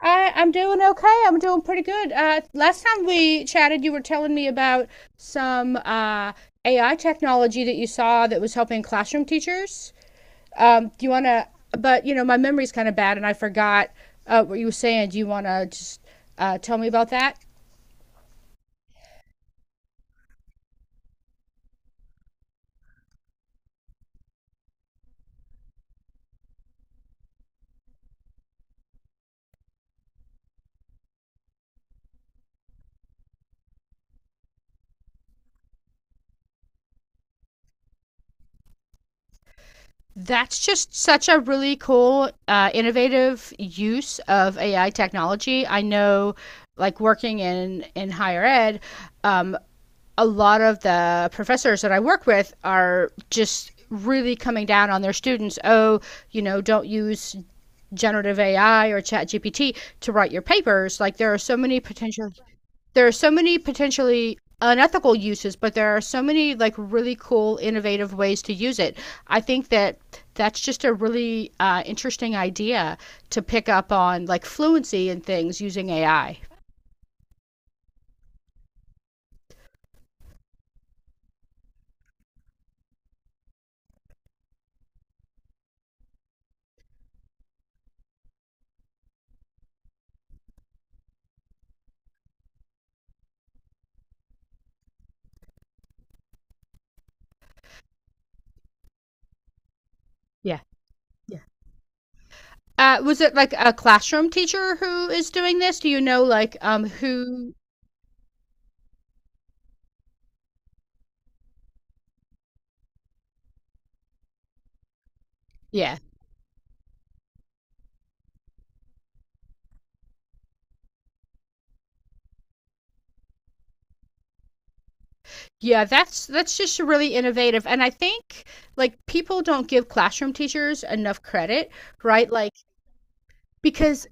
I'm doing okay. I'm doing pretty good. Last time we chatted, you were telling me about some AI technology that you saw that was helping classroom teachers. Do you want to? But you know, my memory's kind of bad, and I forgot what you were saying. Do you want to just tell me about that? That's just such a really cool, innovative use of AI technology. I know, like working in higher ed, um, a lot of the professors that I work with are just really coming down on their students. Oh, you know, don't use generative AI or chat ChatGPT to write your papers. Like there are so many potentially unethical uses, but there are so many like really cool innovative ways to use it. I think that that's just a really interesting idea to pick up on like fluency and things using AI. Yeah. Was it like a classroom teacher who is doing this? Do you know like who? Yeah, yeah. That's just really innovative, and I think like people don't give classroom teachers enough credit, right? Like because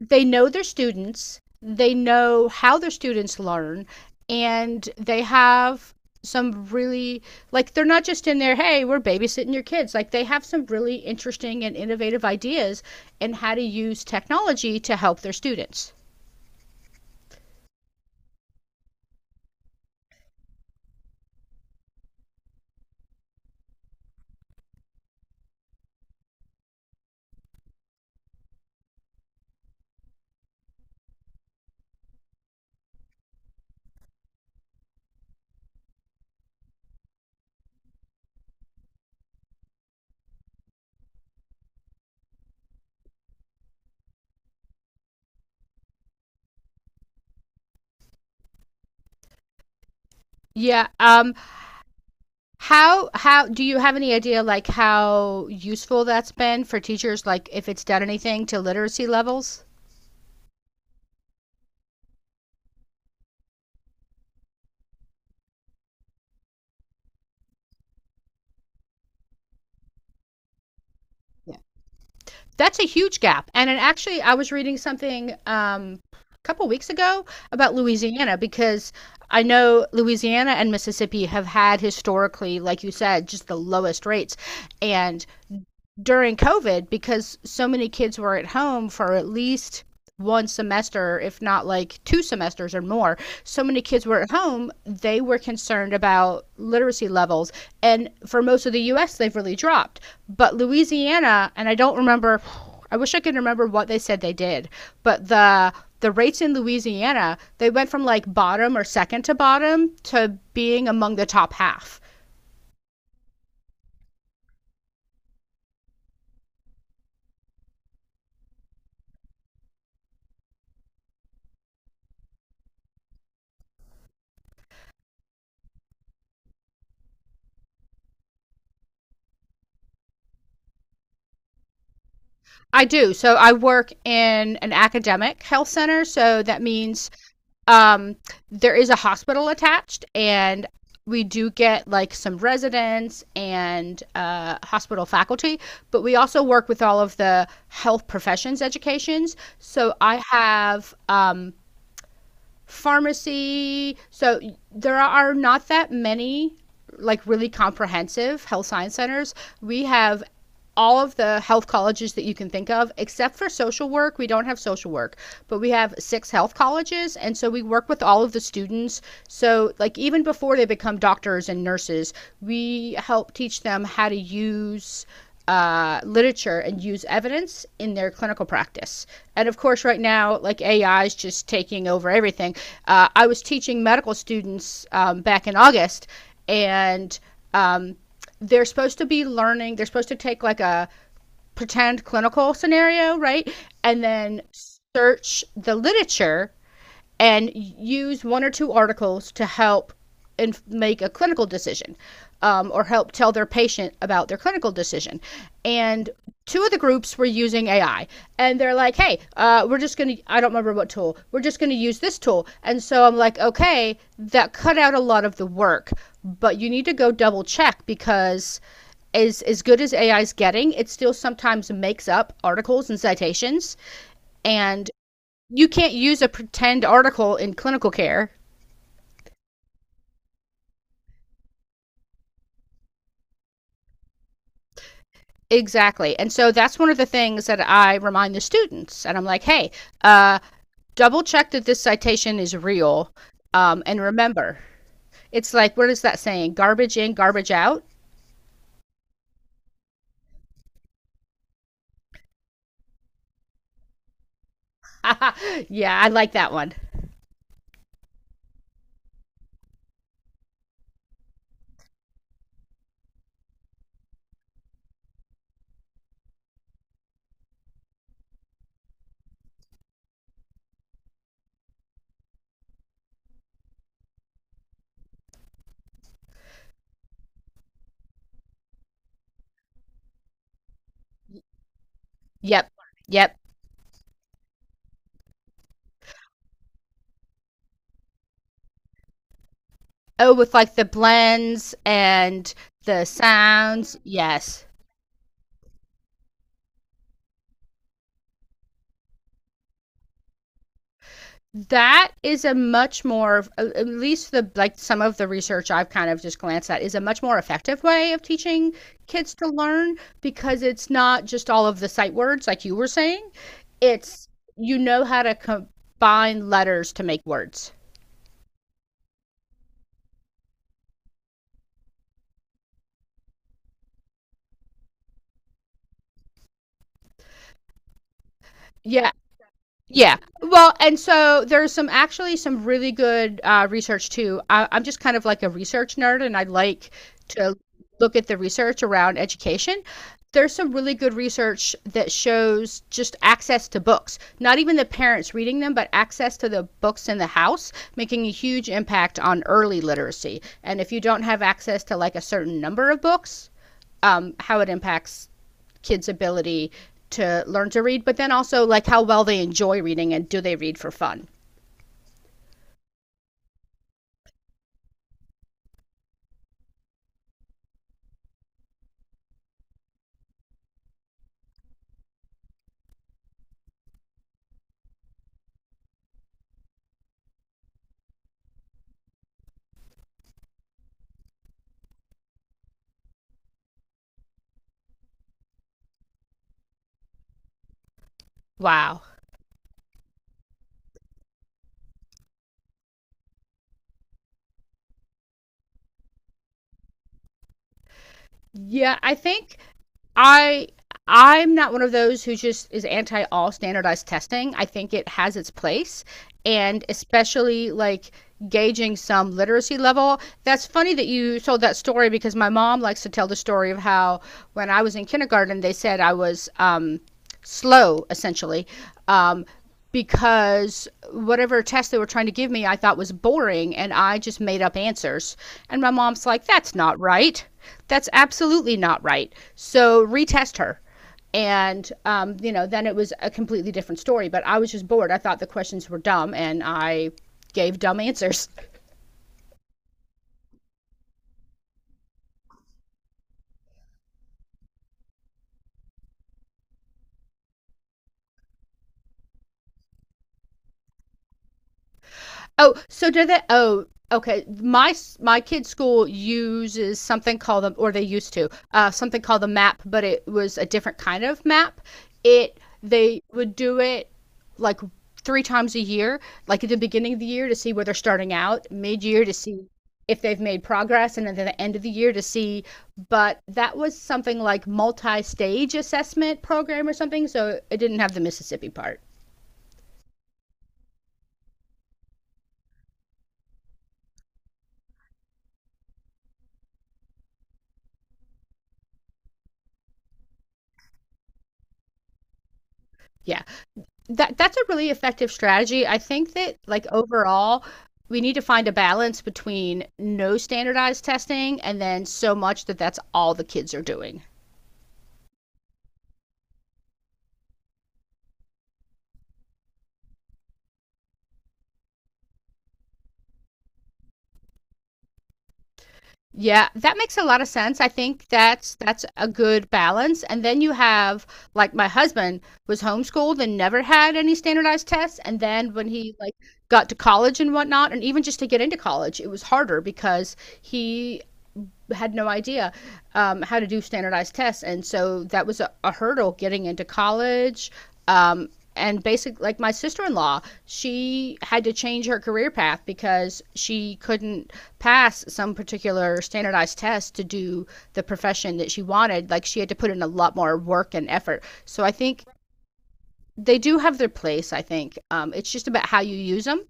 they know their students, they know how their students learn, and they have some really, like, they're not just in there, hey, we're babysitting your kids, like they have some really interesting and innovative ideas and how to use technology to help their students. Yeah. How do you have any idea like how useful that's been for teachers, like if it's done anything to literacy levels? Yeah. That's a huge gap. And it actually, I was reading something a couple weeks ago about Louisiana because I know Louisiana and Mississippi have had historically like you said just the lowest rates, and during COVID, because so many kids were at home for at least one semester, if not like two semesters or more. So many kids were at home, they were concerned about literacy levels. And for most of the US, they've really dropped. But Louisiana, and I don't remember, I wish I could remember what they said they did, but the rates in Louisiana, they went from like bottom or second to bottom to being among the top half. I do. So I work in an academic health center. So that means um, there is a hospital attached, and we do get like some residents and hospital faculty, but we also work with all of the health professions educations. So I have pharmacy. So there are not that many like really comprehensive health science centers. We have all of the health colleges that you can think of, except for social work. We don't have social work, but we have six health colleges. And so we work with all of the students. So, like, even before they become doctors and nurses, we help teach them how to use literature and use evidence in their clinical practice. And of course, right now, like AI is just taking over everything. I was teaching medical students back in August, and um, they're supposed to be learning, they're supposed to take like a pretend clinical scenario, right? And then search the literature and use one or two articles to help and make a clinical decision, or help tell their patient about their clinical decision. And two of the groups were using AI, and they're like, hey, we're just going to, I don't remember what tool, we're just going to use this tool. And so I'm like, okay, that cut out a lot of the work, but you need to go double check because as good as AI is getting, it still sometimes makes up articles and citations, and you can't use a pretend article in clinical care. Exactly, and so that's one of the things that I remind the students, and I'm like, hey, uh, double check that this citation is real, and remember, it's like what is that saying? Garbage in, garbage out. Yeah, I like that one. Yep, yep. Oh, with like the blends and the sounds. Yes. That is a much more, at least the, like, some of the research I've kind of just glanced at, is a much more effective way of teaching kids to learn, because it's not just all of the sight words like you were saying, it's, you know, how to combine letters to make words. Yeah. Yeah. Well, and so there's some actually some really good research too. I'm just kind of like a research nerd and I like to look at the research around education. There's some really good research that shows just access to books, not even the parents reading them, but access to the books in the house, making a huge impact on early literacy. And if you don't have access to like a certain number of books, how it impacts kids' ability to learn to read, but then also like how well they enjoy reading and do they read for fun. Wow. Yeah, I think I I'm not one of those who just is anti all standardized testing. I think it has its place, and especially like gauging some literacy level. That's funny that you told that story because my mom likes to tell the story of how when I was in kindergarten they said I was slow, essentially, um, because whatever test they were trying to give me I thought was boring and I just made up answers. And my mom's like, that's not right. That's absolutely not right. So retest her. And, you know, then it was a completely different story, but I was just bored. I thought the questions were dumb and I gave dumb answers. Oh, so do they? Oh, okay. My my kid's school uses something called the, or they used to, something called the MAP, but it was a different kind of MAP. It They would do it like three times a year, like at the beginning of the year to see where they're starting out, mid year to see if they've made progress, and then at the end of the year to see. But that was something like multi stage assessment program or something, so it didn't have the Mississippi part. Yeah. That's a really effective strategy. I think that like overall we need to find a balance between no standardized testing and then so much that that's all the kids are doing. Yeah, that makes a lot of sense. I think that's a good balance. And then you have like my husband was homeschooled and never had any standardized tests. And then when he like got to college and whatnot, and even just to get into college, it was harder because he had no idea how to do standardized tests, and so that was a hurdle getting into college. Um, and basically, like my sister-in-law, she had to change her career path because she couldn't pass some particular standardized test to do the profession that she wanted. Like she had to put in a lot more work and effort. So I think they do have their place. I think it's just about how you use them.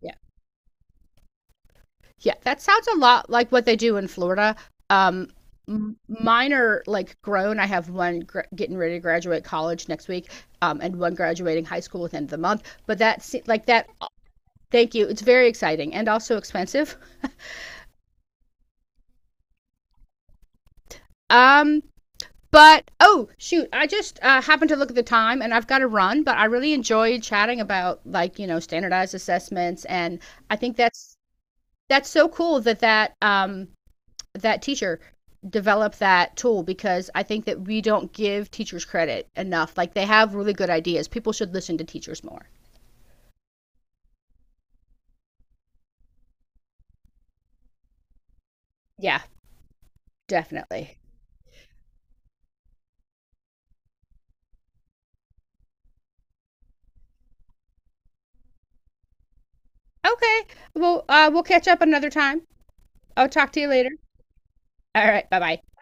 Yeah. Yeah, that sounds a lot like what they do in Florida. Um, Mine are like grown. I have one getting ready to graduate college next week, and one graduating high school at the end of the month. But that's like that. Thank you. It's very exciting and also expensive. Um, but oh shoot, I just happened to look at the time, and I've got to run. But I really enjoyed chatting about like you know standardized assessments, and I think that's so cool that that teacher develop that tool because I think that we don't give teachers credit enough. Like they have really good ideas. People should listen to teachers more. Yeah, definitely. Okay. Well, we'll catch up another time. I'll talk to you later. All right. Bye bye.